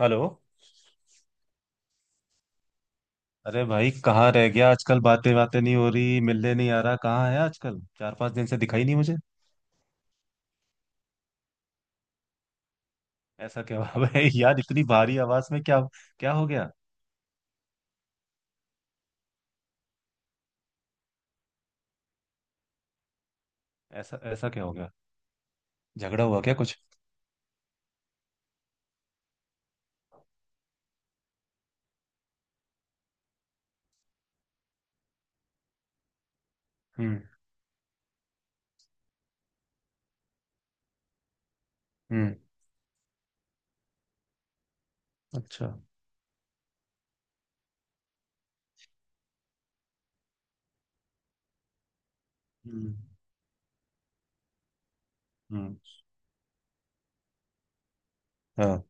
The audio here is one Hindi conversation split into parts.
हेलो। अरे भाई, कहाँ रह गया आजकल? बातें बातें नहीं हो रही, मिलने नहीं आ रहा, कहाँ है आजकल? 4-5 दिन से दिखाई नहीं मुझे। ऐसा क्या हुआ भाई? यार इतनी भारी आवाज में, क्या क्या हो गया? ऐसा ऐसा क्या हो गया? झगड़ा हुआ क्या कुछ? हम्म। हम्म। अच्छा। हम्म। हम्म। हाँ।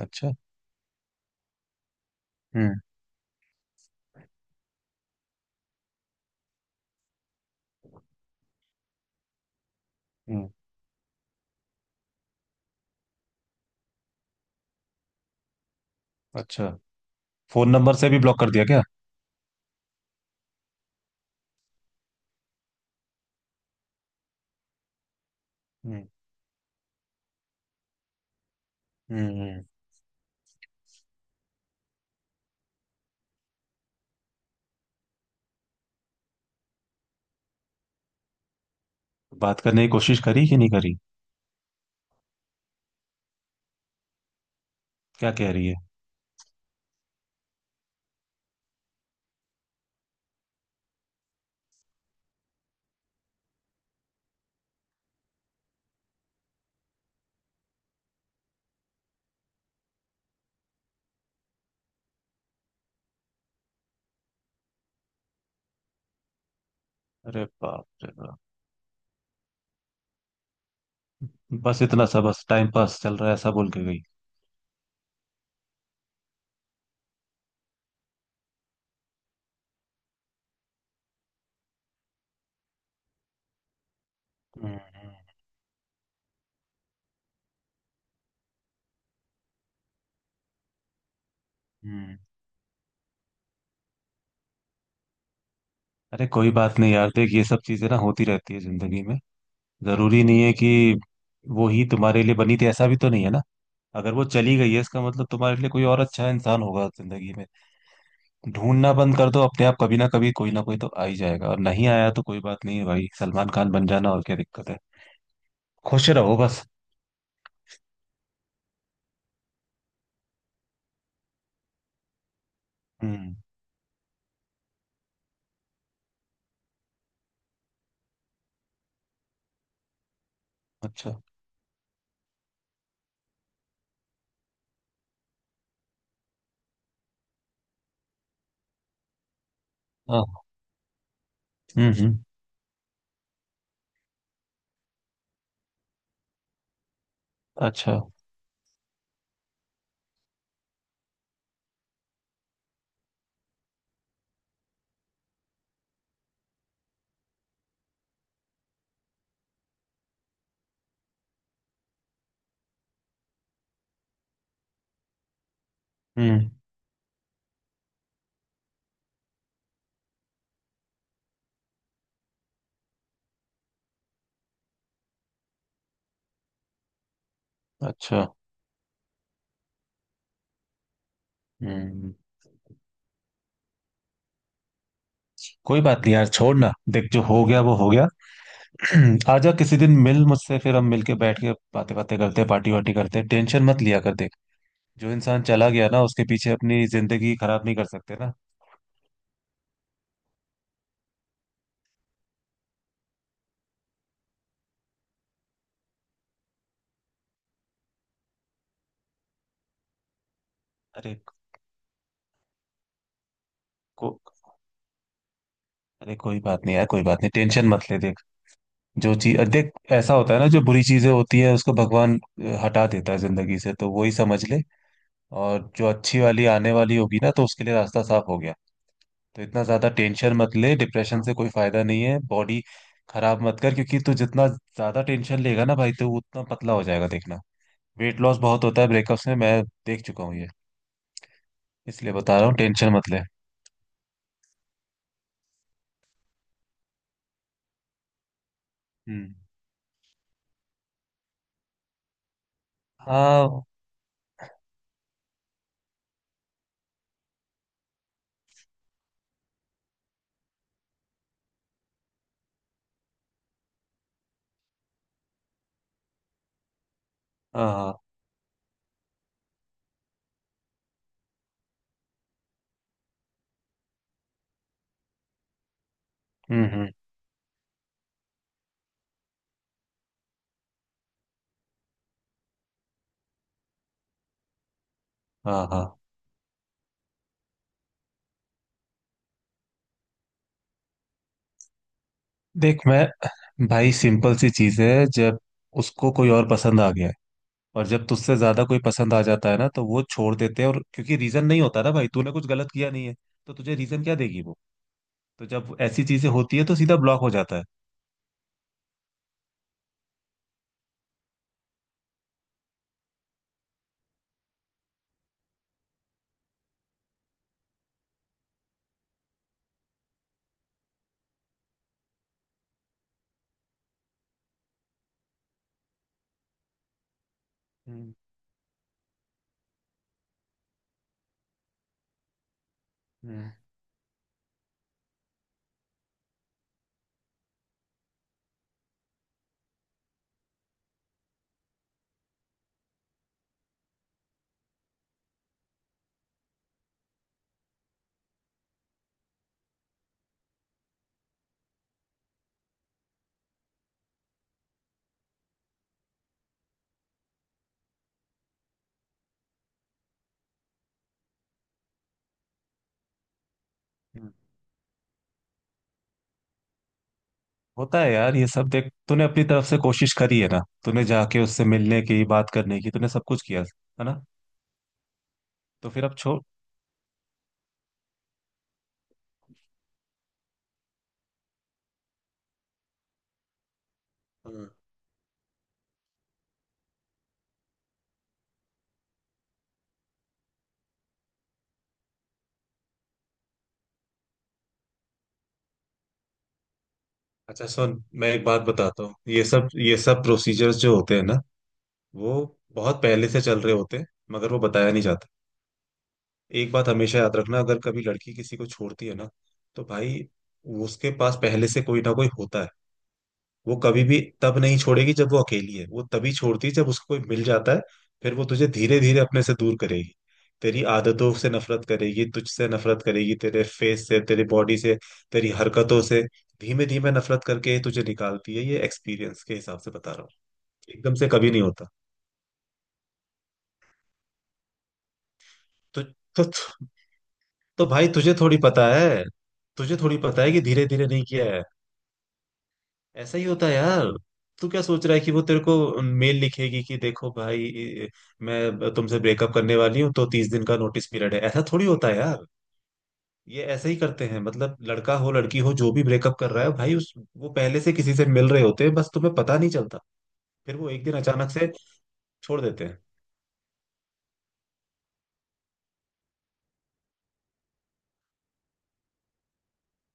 अच्छा। हम्म। हम्म। अच्छा। फोन नंबर से भी ब्लॉक कर दिया क्या? हम्म। हम्म। हम्म। बात करने की कोशिश करी कि नहीं करी? क्या कह रही है? अरे बाप रे बाप। बस इतना सा, बस टाइम पास चल रहा है, ऐसा बोल के गई? हम्म। हम्म। हम्म। अरे कोई बात नहीं यार, देख ये सब चीजें ना होती रहती है जिंदगी में। जरूरी नहीं है कि वो ही तुम्हारे लिए बनी थी, ऐसा भी तो नहीं है ना। अगर वो चली गई है इसका मतलब तुम्हारे लिए कोई और अच्छा इंसान होगा जिंदगी में। ढूंढना बंद कर दो अपने आप, कभी ना कभी कोई ना कोई तो आ ही जाएगा, और नहीं आया तो कोई बात नहीं है भाई, सलमान खान बन जाना, और क्या दिक्कत है? खुश रहो बस। हम्म। अच्छा। हाँ। हम्म। हम्म। अच्छा। हम्म। अच्छा। हम्म। कोई बात नहीं यार, छोड़ ना। देख जो हो गया वो हो गया। आजा किसी दिन मिल मुझसे, फिर हम मिल के बैठ के बातें बातें करते, पार्टी वार्टी करते। टेंशन मत लिया कर, देख जो इंसान चला गया ना उसके पीछे अपनी जिंदगी खराब नहीं कर सकते ना। अरे को अरे कोई बात नहीं यार, कोई बात नहीं, टेंशन मत ले। देख जो चीज, देख ऐसा होता है ना, जो बुरी चीजें होती है उसको भगवान हटा देता है जिंदगी से, तो वही समझ ले। और जो अच्छी वाली आने वाली होगी ना, तो उसके लिए रास्ता साफ हो गया। तो इतना ज्यादा टेंशन मत ले, डिप्रेशन से कोई फायदा नहीं है, बॉडी खराब मत कर, क्योंकि तू जितना ज्यादा टेंशन लेगा ना भाई, तो वो उतना पतला हो जाएगा देखना। वेट लॉस बहुत होता है ब्रेकअप्स में, मैं देख चुका हूँ ये। इसलिए बता रहा हूँ, टेंशन मत ले। हम्म। हाँ। हाँ। हाँ, हम्म। हम्म। हाँ। हाँ। देख मैं भाई सिंपल सी चीज है, जब उसको कोई और पसंद आ गया है। और जब तुझसे ज्यादा कोई पसंद आ जाता है ना, तो वो छोड़ देते हैं। और क्योंकि रीजन नहीं होता ना भाई, तूने कुछ गलत किया नहीं है, तो तुझे रीजन क्या देगी वो? तो जब ऐसी चीजें होती है तो सीधा ब्लॉक हो जाता है। हम्म। हम्म। हम्म। होता है यार ये सब। देख तूने अपनी तरफ से कोशिश करी है ना, तूने जाके उससे मिलने की, बात करने की, तूने सब कुछ किया है ना? तो फिर अब छोड़। हाँ। अच्छा सुन, मैं एक बात बताता हूँ, ये सब, ये सब प्रोसीजर्स जो होते हैं ना, वो बहुत पहले से चल रहे होते हैं, मगर वो बताया नहीं जाता। एक बात हमेशा याद रखना, अगर कभी लड़की किसी को छोड़ती है ना, तो भाई उसके पास पहले से कोई ना कोई होता है। वो कभी भी तब नहीं छोड़ेगी जब वो अकेली है, वो तभी छोड़ती है जब उसको कोई मिल जाता है। फिर वो तुझे धीरे धीरे अपने से दूर करेगी, तेरी आदतों से नफरत करेगी, तुझसे नफरत करेगी, तेरे फेस से, तेरी बॉडी से, तेरी हरकतों से। धीमे धीमे नफरत करके तुझे निकालती है, ये एक्सपीरियंस के हिसाब से बता रहा हूँ। एकदम से कभी नहीं होता। तो तो, तो तो भाई तुझे थोड़ी पता है, तुझे थोड़ी पता है कि धीरे धीरे नहीं किया है। ऐसा ही होता है यार। तू क्या सोच रहा है कि वो तेरे को मेल लिखेगी कि देखो भाई, मैं तुमसे ब्रेकअप करने वाली हूँ, तो 30 दिन का नोटिस पीरियड है? ऐसा थोड़ी होता है यार। ये ऐसे ही करते हैं, मतलब लड़का हो लड़की हो जो भी ब्रेकअप कर रहा है भाई, उस वो पहले से किसी से मिल रहे होते हैं, बस तुम्हें पता नहीं चलता। फिर वो एक दिन अचानक से छोड़ देते हैं।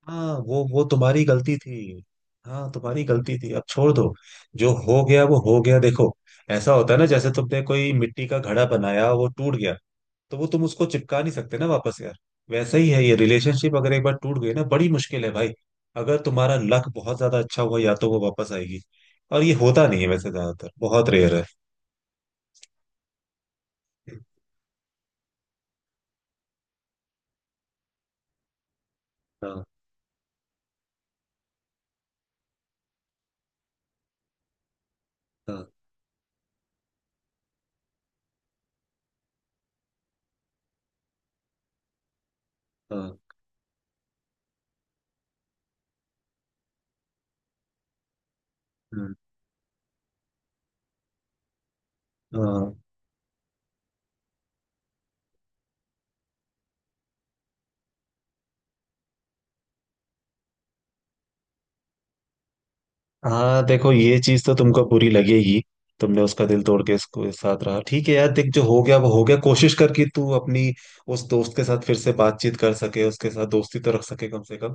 हाँ, वो तुम्हारी गलती थी। हाँ तुम्हारी गलती थी, अब छोड़ दो। जो हो गया वो हो गया। देखो ऐसा होता है ना, जैसे तुमने कोई मिट्टी का घड़ा बनाया वो टूट गया, तो वो तुम उसको चिपका नहीं सकते ना वापस यार। वैसा ही है ये रिलेशनशिप, अगर एक बार टूट गई ना बड़ी मुश्किल है भाई। अगर तुम्हारा लक बहुत ज्यादा अच्छा हुआ या तो वो वापस आएगी, और ये होता नहीं है वैसे, ज्यादातर बहुत रेयर है। हाँ। हाँ। हाँ। हम्म, हाँ। हाँ, देखो ये चीज तो तुमको बुरी लगेगी। तुमने उसका दिल तोड़ के इसको, इस साथ रहा, ठीक है यार, देख जो हो गया वो हो गया। कोशिश कर कि तू अपनी उस दोस्त के साथ फिर से बातचीत कर सके, उसके साथ दोस्ती तो रख सके कम से कम।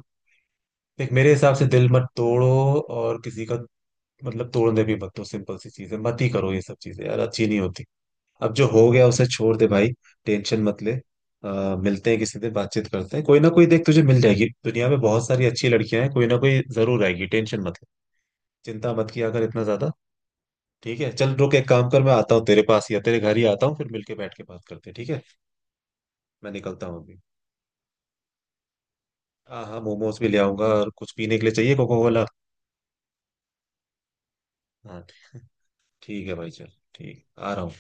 देख मेरे हिसाब से दिल मत तोड़ो और किसी का, मतलब तोड़ने भी मत दो। सिंपल सी चीज है, मत ही करो ये सब चीजें यार, अच्छी नहीं होती। अब जो हो गया उसे छोड़ दे भाई, टेंशन मत ले। मिलते हैं किसी दिन, बातचीत करते हैं, कोई ना कोई देख तुझे मिल जाएगी, दुनिया में बहुत सारी अच्छी लड़कियां हैं, कोई ना कोई जरूर आएगी, टेंशन मत ले, चिंता मत किया कर इतना ज्यादा। ठीक है, चल रुक, एक काम कर, मैं आता हूँ तेरे पास, या तेरे घर ही आता हूँ, फिर मिलके बैठ के बात करते हैं, ठीक है? मैं निकलता हूँ अभी। हाँ हाँ, मोमोज भी ले आऊंगा, और कुछ पीने के लिए चाहिए कोको कोला? हाँ। ठीक है भाई, चल। ठीक, आ रहा हूँ।